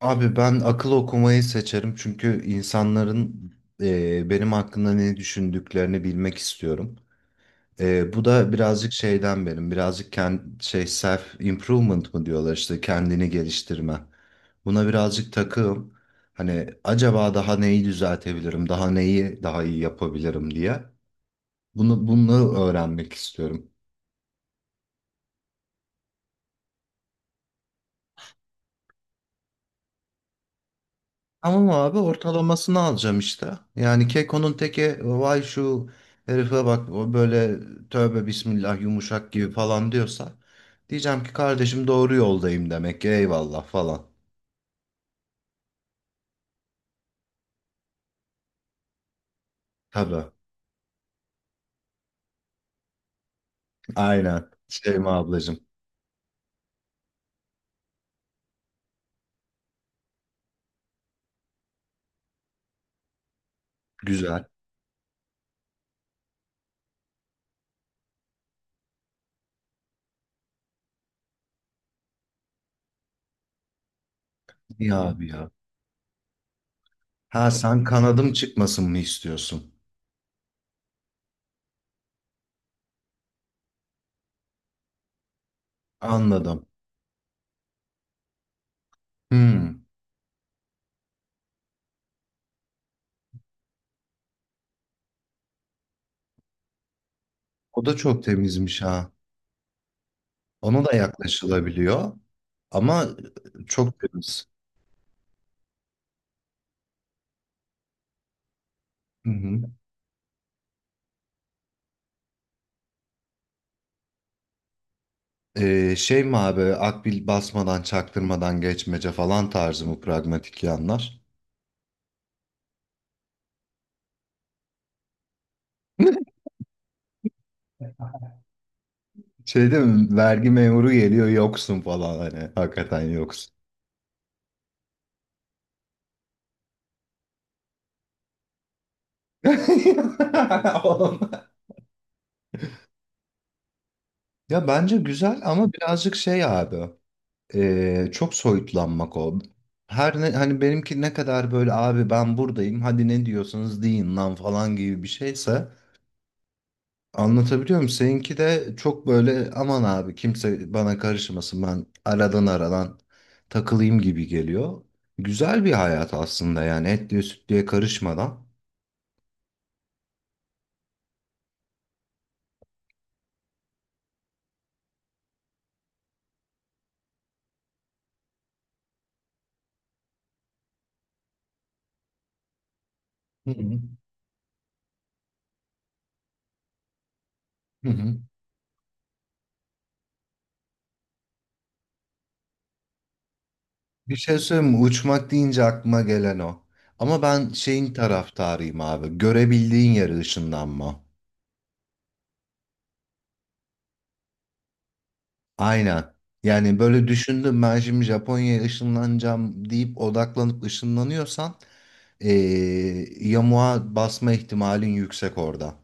Abi ben akıl okumayı seçerim çünkü insanların benim hakkında ne düşündüklerini bilmek istiyorum. Bu da birazcık şeyden benim, birazcık kend, şey self improvement mı diyorlar işte kendini geliştirme. Buna birazcık takığım. Hani acaba daha neyi düzeltebilirim, daha neyi daha iyi yapabilirim diye. Bunu öğrenmek istiyorum. Tamam abi ortalamasını alacağım işte. Yani Keko'nun teki vay şu herife bak o böyle tövbe bismillah yumuşak gibi falan diyorsa diyeceğim ki kardeşim doğru yoldayım demek ki eyvallah falan. Tabii, aynen Şeyma ablacığım, güzel. İyi abi ya. Ha sen kanadım çıkmasın mı istiyorsun? Anladım. Hmm. O da çok temizmiş ha. Ona da yaklaşılabiliyor ama çok temiz. Şey mi abi akbil basmadan çaktırmadan geçmece falan tarzı mı pragmatik yanlar? Şey değil mi, vergi memuru geliyor yoksun falan, hani hakikaten yoksun. Oğlum. Ya bence güzel ama birazcık şey abi, çok soyutlanmak o. Her ne, hani benimki ne kadar böyle abi ben buradayım hadi ne diyorsanız deyin lan falan gibi bir şeyse, anlatabiliyor muyum? Seninki de çok böyle aman abi kimse bana karışmasın ben aradan takılayım gibi geliyor. Güzel bir hayat aslında yani, etliye sütlüye karışmadan. Hı hı. Hı hı. Bir şey söyleyeyim mi? Uçmak deyince aklıma gelen o. Ama ben şeyin taraftarıyım abi. Görebildiğin yere ışınlanma. Aynen. Yani böyle düşündüm, ben şimdi Japonya'ya ışınlanacağım deyip odaklanıp ışınlanıyorsan yamuğa basma ihtimalin yüksek orada.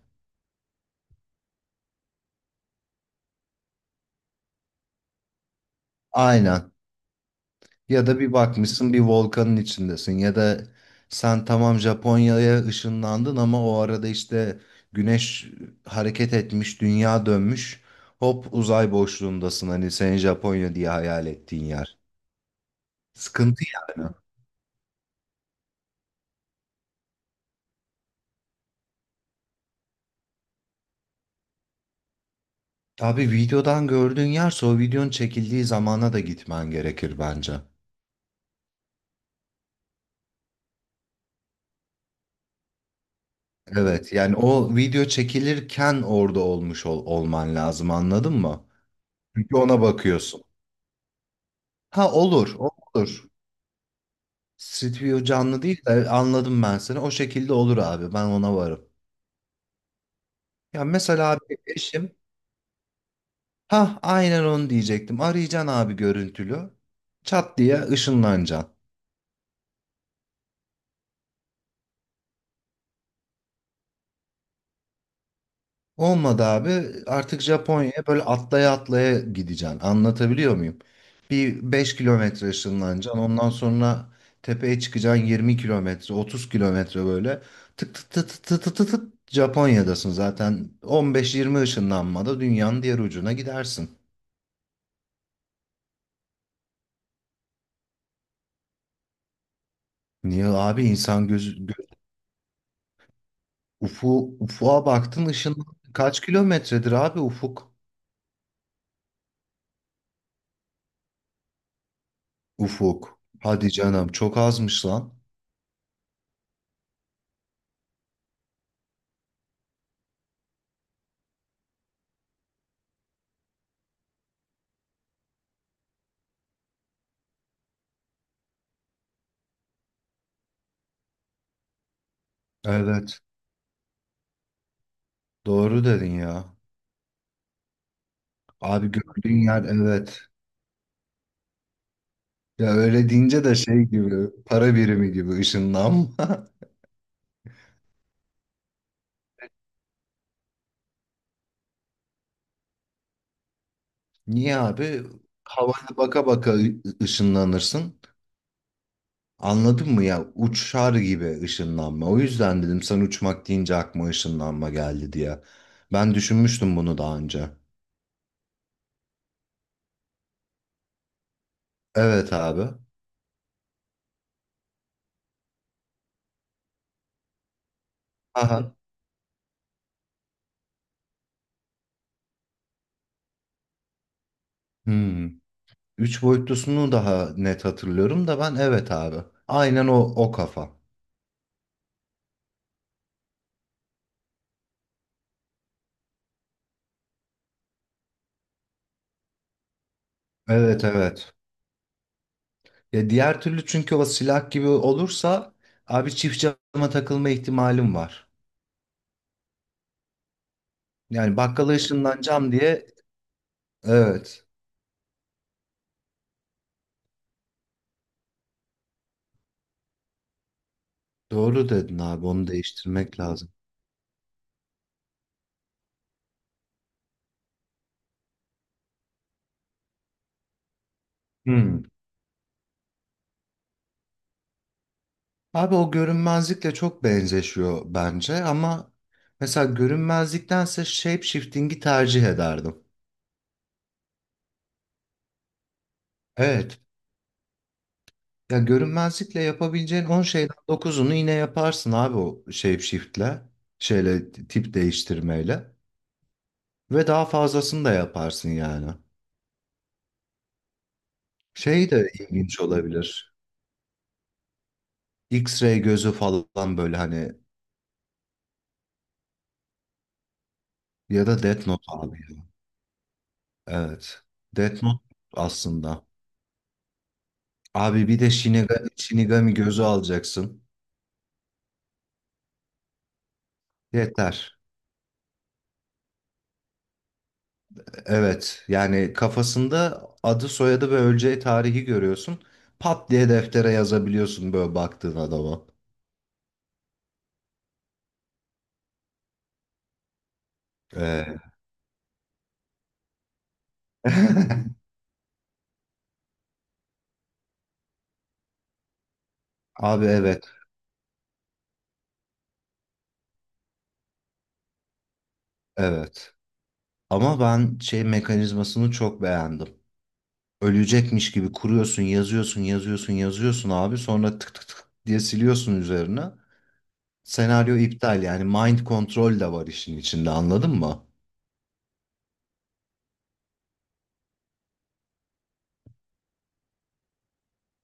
Aynen. Ya da bir bakmışsın bir volkanın içindesin, ya da sen tamam Japonya'ya ışınlandın ama o arada işte güneş hareket etmiş, dünya dönmüş. Hop uzay boşluğundasın, hani senin Japonya diye hayal ettiğin yer. Sıkıntı yani. Abi videodan gördüğün yerse o videonun çekildiği zamana da gitmen gerekir bence. Evet yani o video çekilirken orada olmuş olman lazım, anladın mı? Çünkü ona bakıyorsun. Ha, olur, olur. Stüdyo canlı değil de, anladım ben seni. O şekilde olur abi, ben ona varım. Ya mesela abi eşim, ha aynen onu diyecektim. Arayacaksın abi görüntülü. Çat diye ışınlanacaksın. Olmadı abi. Artık Japonya'ya böyle atlaya atlaya gideceksin. Anlatabiliyor muyum? Bir 5 kilometre ışınlanacaksın. Ondan sonra tepeye çıkacaksın, 20 kilometre, 30 kilometre böyle. Tık tık tık tık tık tık tık tık Japonya'dasın zaten. 15-20 ışınlanmada dünyanın diğer ucuna gidersin. Niye abi, insan gözü göz, ufu, ufuğa baktın, ışın kaç kilometredir abi ufuk? Ufuk. Hadi canım, çok azmış lan. Evet. Doğru dedin ya. Abi gördüğün yer, evet. Ya öyle deyince de şey gibi, para birimi gibi ışınlanma. Niye abi? Havaya baka baka ışınlanırsın. Anladın mı ya? Uçar gibi ışınlanma. O yüzden dedim sen uçmak deyince aklıma ışınlanma geldi diye. Ben düşünmüştüm bunu daha önce. Evet abi. Aha. Hmm. Üç boyutlusunu daha net hatırlıyorum da ben, evet abi. Aynen o kafa. Evet, evet. Ya diğer türlü çünkü o silah gibi olursa abi çift cama takılma ihtimalim var. Yani bakkala ışınlanacağım diye, evet doğru dedin abi, onu değiştirmek lazım. Hmm. Abi o görünmezlikle çok benzeşiyor bence, ama mesela görünmezliktense shape shifting'i tercih ederdim. Evet. Ya görünmezlikle yapabileceğin 10 şeyden dokuzunu yine yaparsın abi o shape shift'le. Şeyle, tip değiştirmeyle ve daha fazlasını da yaparsın yani. Şey de ilginç olabilir. X-ray gözü falan, böyle hani, ya da Death Note abi, ya. Evet. Death Note aslında. Abi bir de Shinigami gözü alacaksın. Yeter. Evet. Yani kafasında adı, soyadı ve öleceği tarihi görüyorsun. Pat diye deftere yazabiliyorsun böyle baktığın adama. Ee, Abi evet. Evet. Ama ben şey mekanizmasını çok beğendim. Ölecekmiş gibi kuruyorsun, yazıyorsun, yazıyorsun, yazıyorsun abi. Sonra tık tık tık diye siliyorsun üzerine. Senaryo iptal, yani mind control de var işin içinde, anladın mı?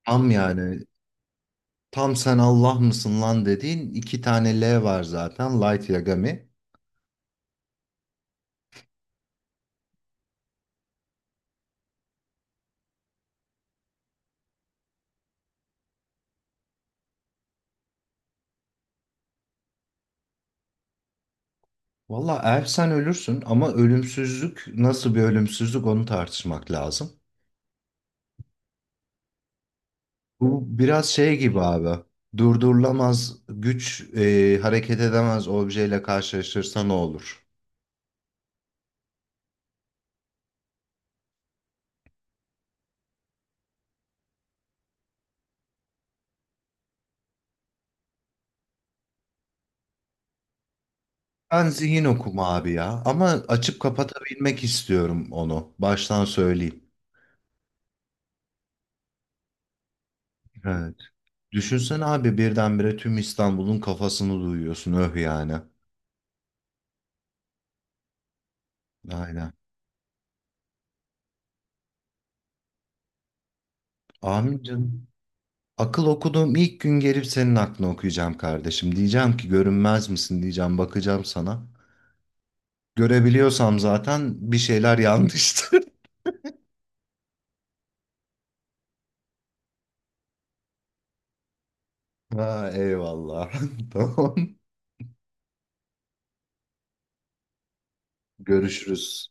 Tam yani, tam sen Allah mısın lan dediğin, iki tane L var zaten, Light Yagami. Valla ersen ölürsün ama ölümsüzlük nasıl bir ölümsüzlük, onu tartışmak lazım. Bu biraz şey gibi abi. Durdurulamaz güç hareket edemez objeyle karşılaşırsa ne olur? Ben zihin okuma abi ya. Ama açıp kapatabilmek istiyorum onu. Baştan söyleyeyim. Evet. Düşünsene abi, birdenbire tüm İstanbul'un kafasını duyuyorsun. Öh yani. Aynen. Amin canım. Akıl okuduğum ilk gün gelip senin aklını okuyacağım kardeşim. Diyeceğim ki görünmez misin, diyeceğim. Bakacağım sana. Görebiliyorsam zaten bir şeyler yanlıştır. Ha, eyvallah. Tamam. Görüşürüz.